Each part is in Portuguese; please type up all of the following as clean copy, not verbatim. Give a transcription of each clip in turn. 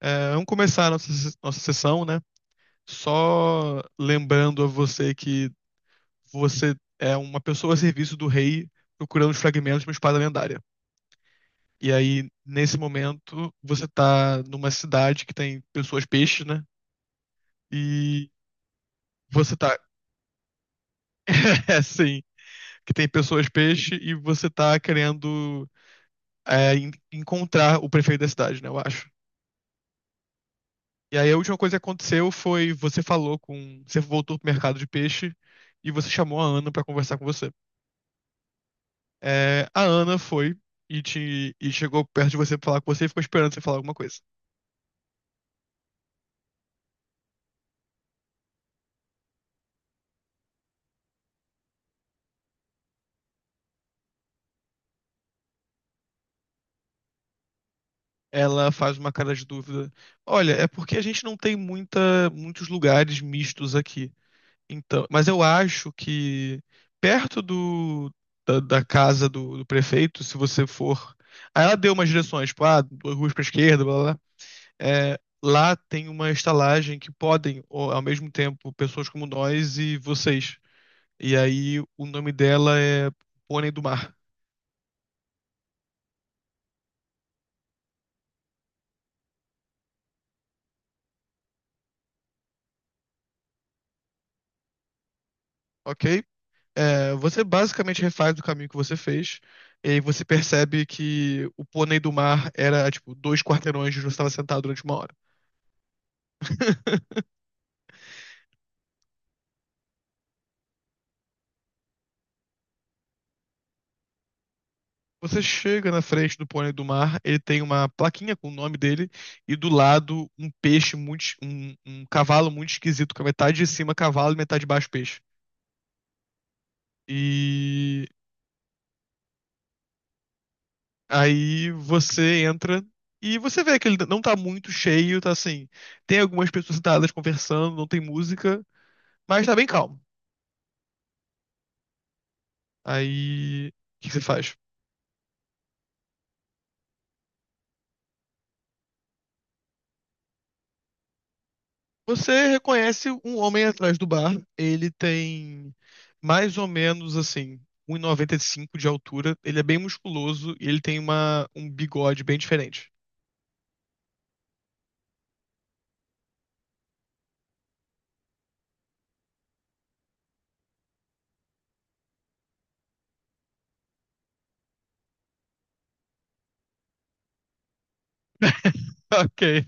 Vamos começar a nossa, nossa sessão, né? Só lembrando a você que você é uma pessoa a serviço do rei procurando os fragmentos de uma espada lendária. E aí, nesse momento, você tá numa cidade que tem pessoas peixe, né? E você tá, é, sim, que tem pessoas peixe e você tá querendo encontrar o prefeito da cidade, né? Eu acho. E aí, a última coisa que aconteceu foi você falou com, você voltou pro mercado de peixe e você chamou a Ana pra conversar com você. É, a Ana foi e chegou perto de você pra falar com você e ficou esperando você falar alguma coisa. Ela faz uma cara de dúvida. Olha, é porque a gente não tem muitos lugares mistos aqui. Então, mas eu acho que perto do, da casa do prefeito, se você for. Aí ela deu umas direções, tipo, ah, duas ruas pra esquerda, blá blá, blá. É, lá tem uma estalagem que podem, ó, ao mesmo tempo, pessoas como nós e vocês. E aí o nome dela é Pônei do Mar, ok? É, você basicamente refaz o caminho que você fez, e aí você percebe que o Pônei do Mar era tipo dois quarteirões onde você estava sentado durante uma hora. Você chega na frente do Pônei do Mar, ele tem uma plaquinha com o nome dele, e do lado um peixe muito, um cavalo muito esquisito, com a metade de cima cavalo e metade de baixo peixe. E aí você entra e você vê que ele não tá muito cheio, tá assim. Tem algumas pessoas sentadas conversando, não tem música, mas tá bem calmo. Aí, o que que você faz? Você reconhece um homem atrás do bar. Ele tem mais ou menos assim, um 1,95 de altura. Ele é bem musculoso e ele tem um bigode bem diferente. Ok.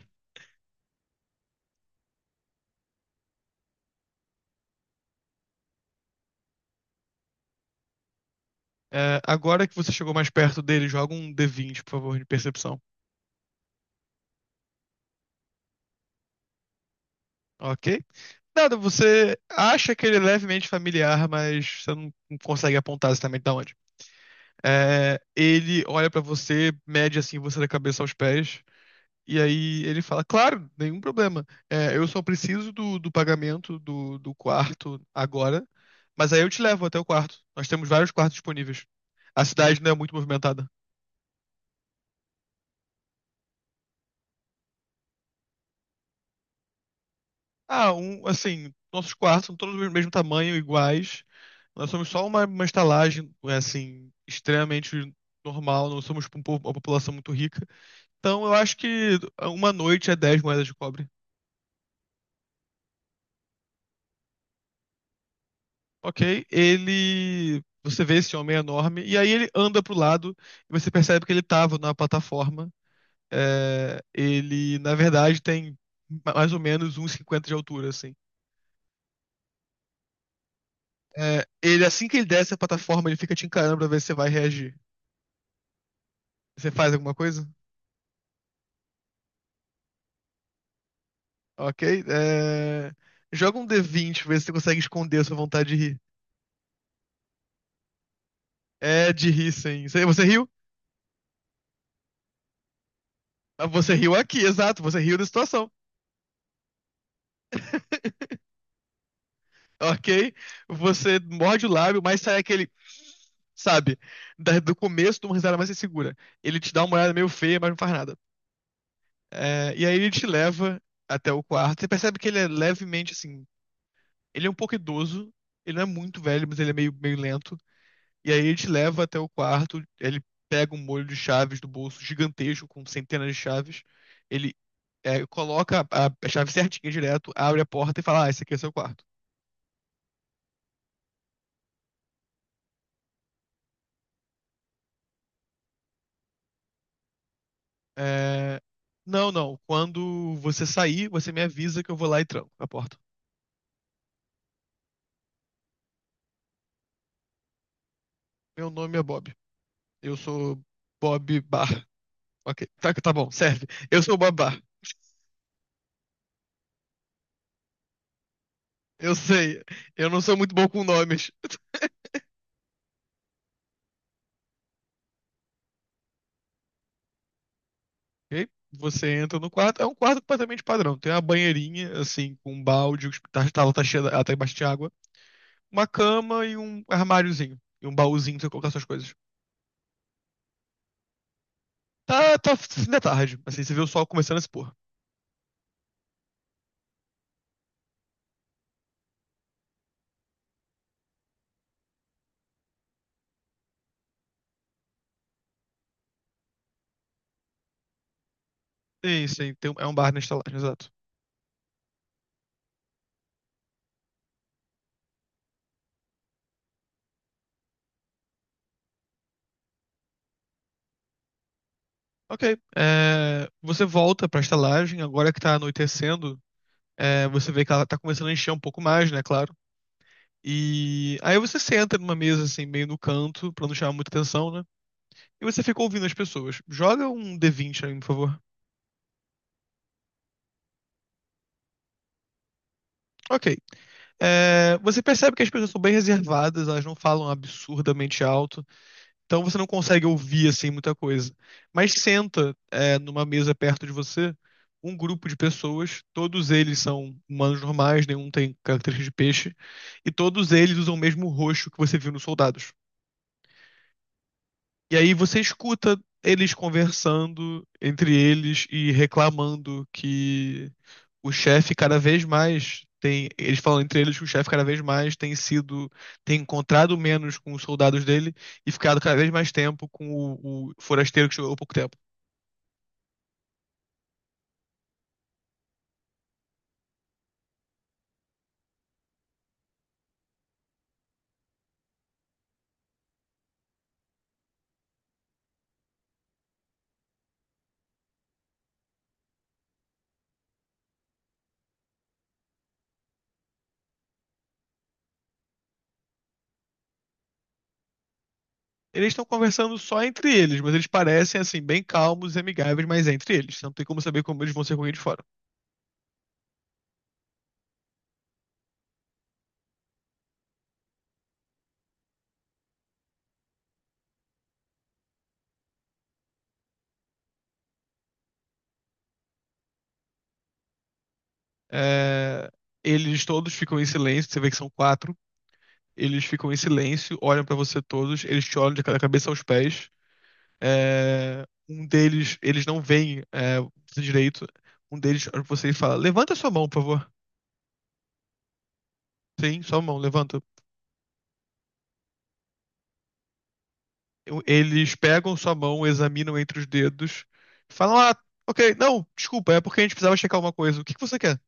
É, agora que você chegou mais perto dele, joga um D20, por favor, de percepção. Ok. Nada, você acha que ele é levemente familiar, mas você não consegue apontar exatamente de onde. É, ele olha pra você, mede assim você da cabeça aos pés, e aí ele fala: Claro, nenhum problema. É, eu só preciso do pagamento do quarto agora, mas aí eu te levo até o quarto. Nós temos vários quartos disponíveis. A cidade não é muito movimentada. Ah, um, assim, nossos quartos são todos do mesmo tamanho, iguais. Nós somos só uma estalagem, eh, assim, extremamente normal. Não somos tipo, uma população muito rica. Então, eu acho que uma noite é 10 moedas de cobre. Ok? Ele. Você vê esse homem enorme, e aí ele anda pro lado, e você percebe que ele tava na plataforma. É, ele, na verdade, tem mais ou menos 1,50 de altura, assim. É, ele, assim que ele desce a plataforma, ele fica te encarando pra ver se você vai reagir. Você faz alguma coisa? Ok. É, joga um D20, ver se você consegue esconder a sua vontade de rir. É, de rir, sim. Você, você riu? Ah, você riu aqui, exato. Você riu da situação. Ok? Você morde o lábio, mas sai aquele. Sabe? Do começo de uma risada mais insegura. Ele te dá uma olhada meio feia, mas não faz nada. É, e aí ele te leva até o quarto. Você percebe que ele é levemente assim. Ele é um pouco idoso. Ele não é muito velho, mas ele é meio, meio lento. E aí ele te leva até o quarto, ele pega um molho de chaves do bolso gigantesco, com centenas de chaves, ele coloca a chave certinha direto, abre a porta e fala, ah, esse aqui é seu quarto. É, não, não, quando você sair, você me avisa que eu vou lá e tranco a porta. Meu nome é Bob, eu sou Bob Barr. Ok, tá, tá bom, serve. Eu sou o Bob Barr. Eu sei, eu não sou muito bom com nomes. E aí você entra no quarto, é um quarto completamente padrão. Tem uma banheirinha, assim, com um balde, o tá cheia, ela tá embaixo de água, uma cama e um armáriozinho. E um baúzinho pra você colocar suas coisas. Tá, tá fim da tarde, assim, você vê o sol começando a se pôr. Sim, sim, tem é um bar na estalagem, exato. Ok, é, você volta pra estalagem, agora que tá anoitecendo, é, você vê que ela tá começando a encher um pouco mais, né, claro. E aí você senta numa mesa, assim, meio no canto, pra não chamar muita atenção, né? E você fica ouvindo as pessoas. Joga um D20 aí, por favor. Ok. É, você percebe que as pessoas são bem reservadas, elas não falam absurdamente alto, então você não consegue ouvir assim muita coisa. Mas senta, é, numa mesa perto de você um grupo de pessoas, todos eles são humanos normais, nenhum tem característica de peixe, e todos eles usam o mesmo roxo que você viu nos soldados. E aí você escuta eles conversando entre eles e reclamando que o chefe cada vez mais tem. Eles falam entre eles que o chefe cada vez mais tem sido, tem encontrado menos com os soldados dele e ficado cada vez mais tempo com o forasteiro que chegou há pouco tempo. Eles estão conversando só entre eles, mas eles parecem assim, bem calmos e amigáveis, mas é entre eles. Você não tem como saber como eles vão ser com alguém de fora. É, eles todos ficam em silêncio, você vê que são quatro. Eles ficam em silêncio, olham pra você todos, eles te olham de da cabeça aos pés. É, um deles, eles não veem é, você direito. Um deles olha pra você e fala: Levanta sua mão, por favor. Sim, sua mão, levanta. Eles pegam sua mão, examinam entre os dedos, falam: Ah, ok, não, desculpa, é porque a gente precisava checar uma coisa. O que que você quer?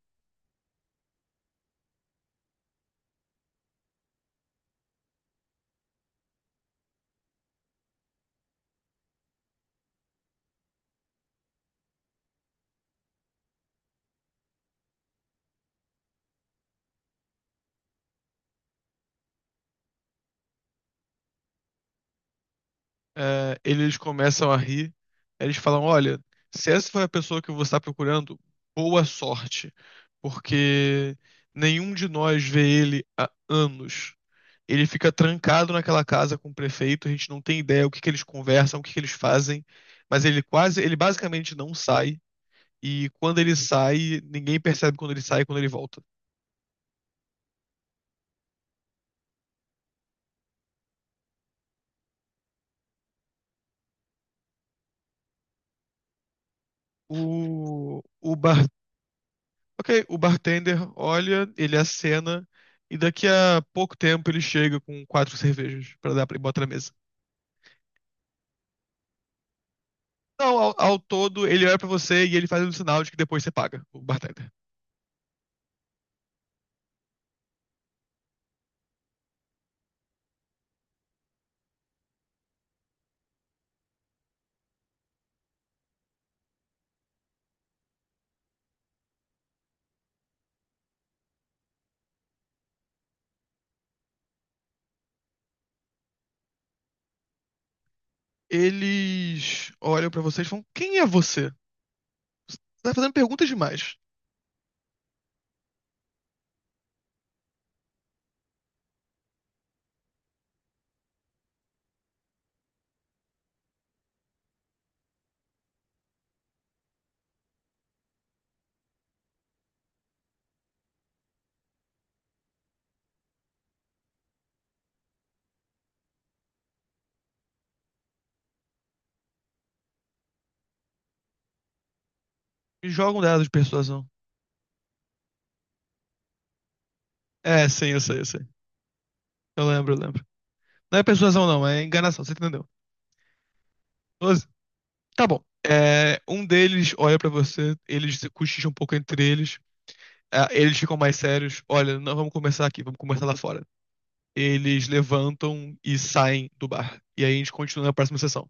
É, eles começam a rir. Eles falam: Olha, se essa foi a pessoa que você está procurando, boa sorte, porque nenhum de nós vê ele há anos. Ele fica trancado naquela casa com o prefeito, a gente não tem ideia o que que eles conversam, o que que eles fazem, mas ele quase, ele basicamente não sai, e quando ele sai, ninguém percebe quando ele sai e quando ele volta. O bar. Ok, o bartender olha, ele acena, e daqui a pouco tempo ele chega com 4 cervejas pra dar para botar na mesa. Não, ao todo ele olha pra você e ele faz um sinal de que depois você paga, o bartender. Eles olham pra vocês e falam: Quem é você? Você tá fazendo perguntas demais. E jogam um dado de persuasão. É, sim, eu sei. Eu lembro. Não é persuasão, não, é enganação, você entendeu? 12? Tá bom. É, um deles olha pra você, eles cochicham um pouco entre eles. Ah, eles ficam mais sérios. Olha, não vamos começar aqui, vamos começar lá fora. Eles levantam e saem do bar. E aí a gente continua na próxima sessão.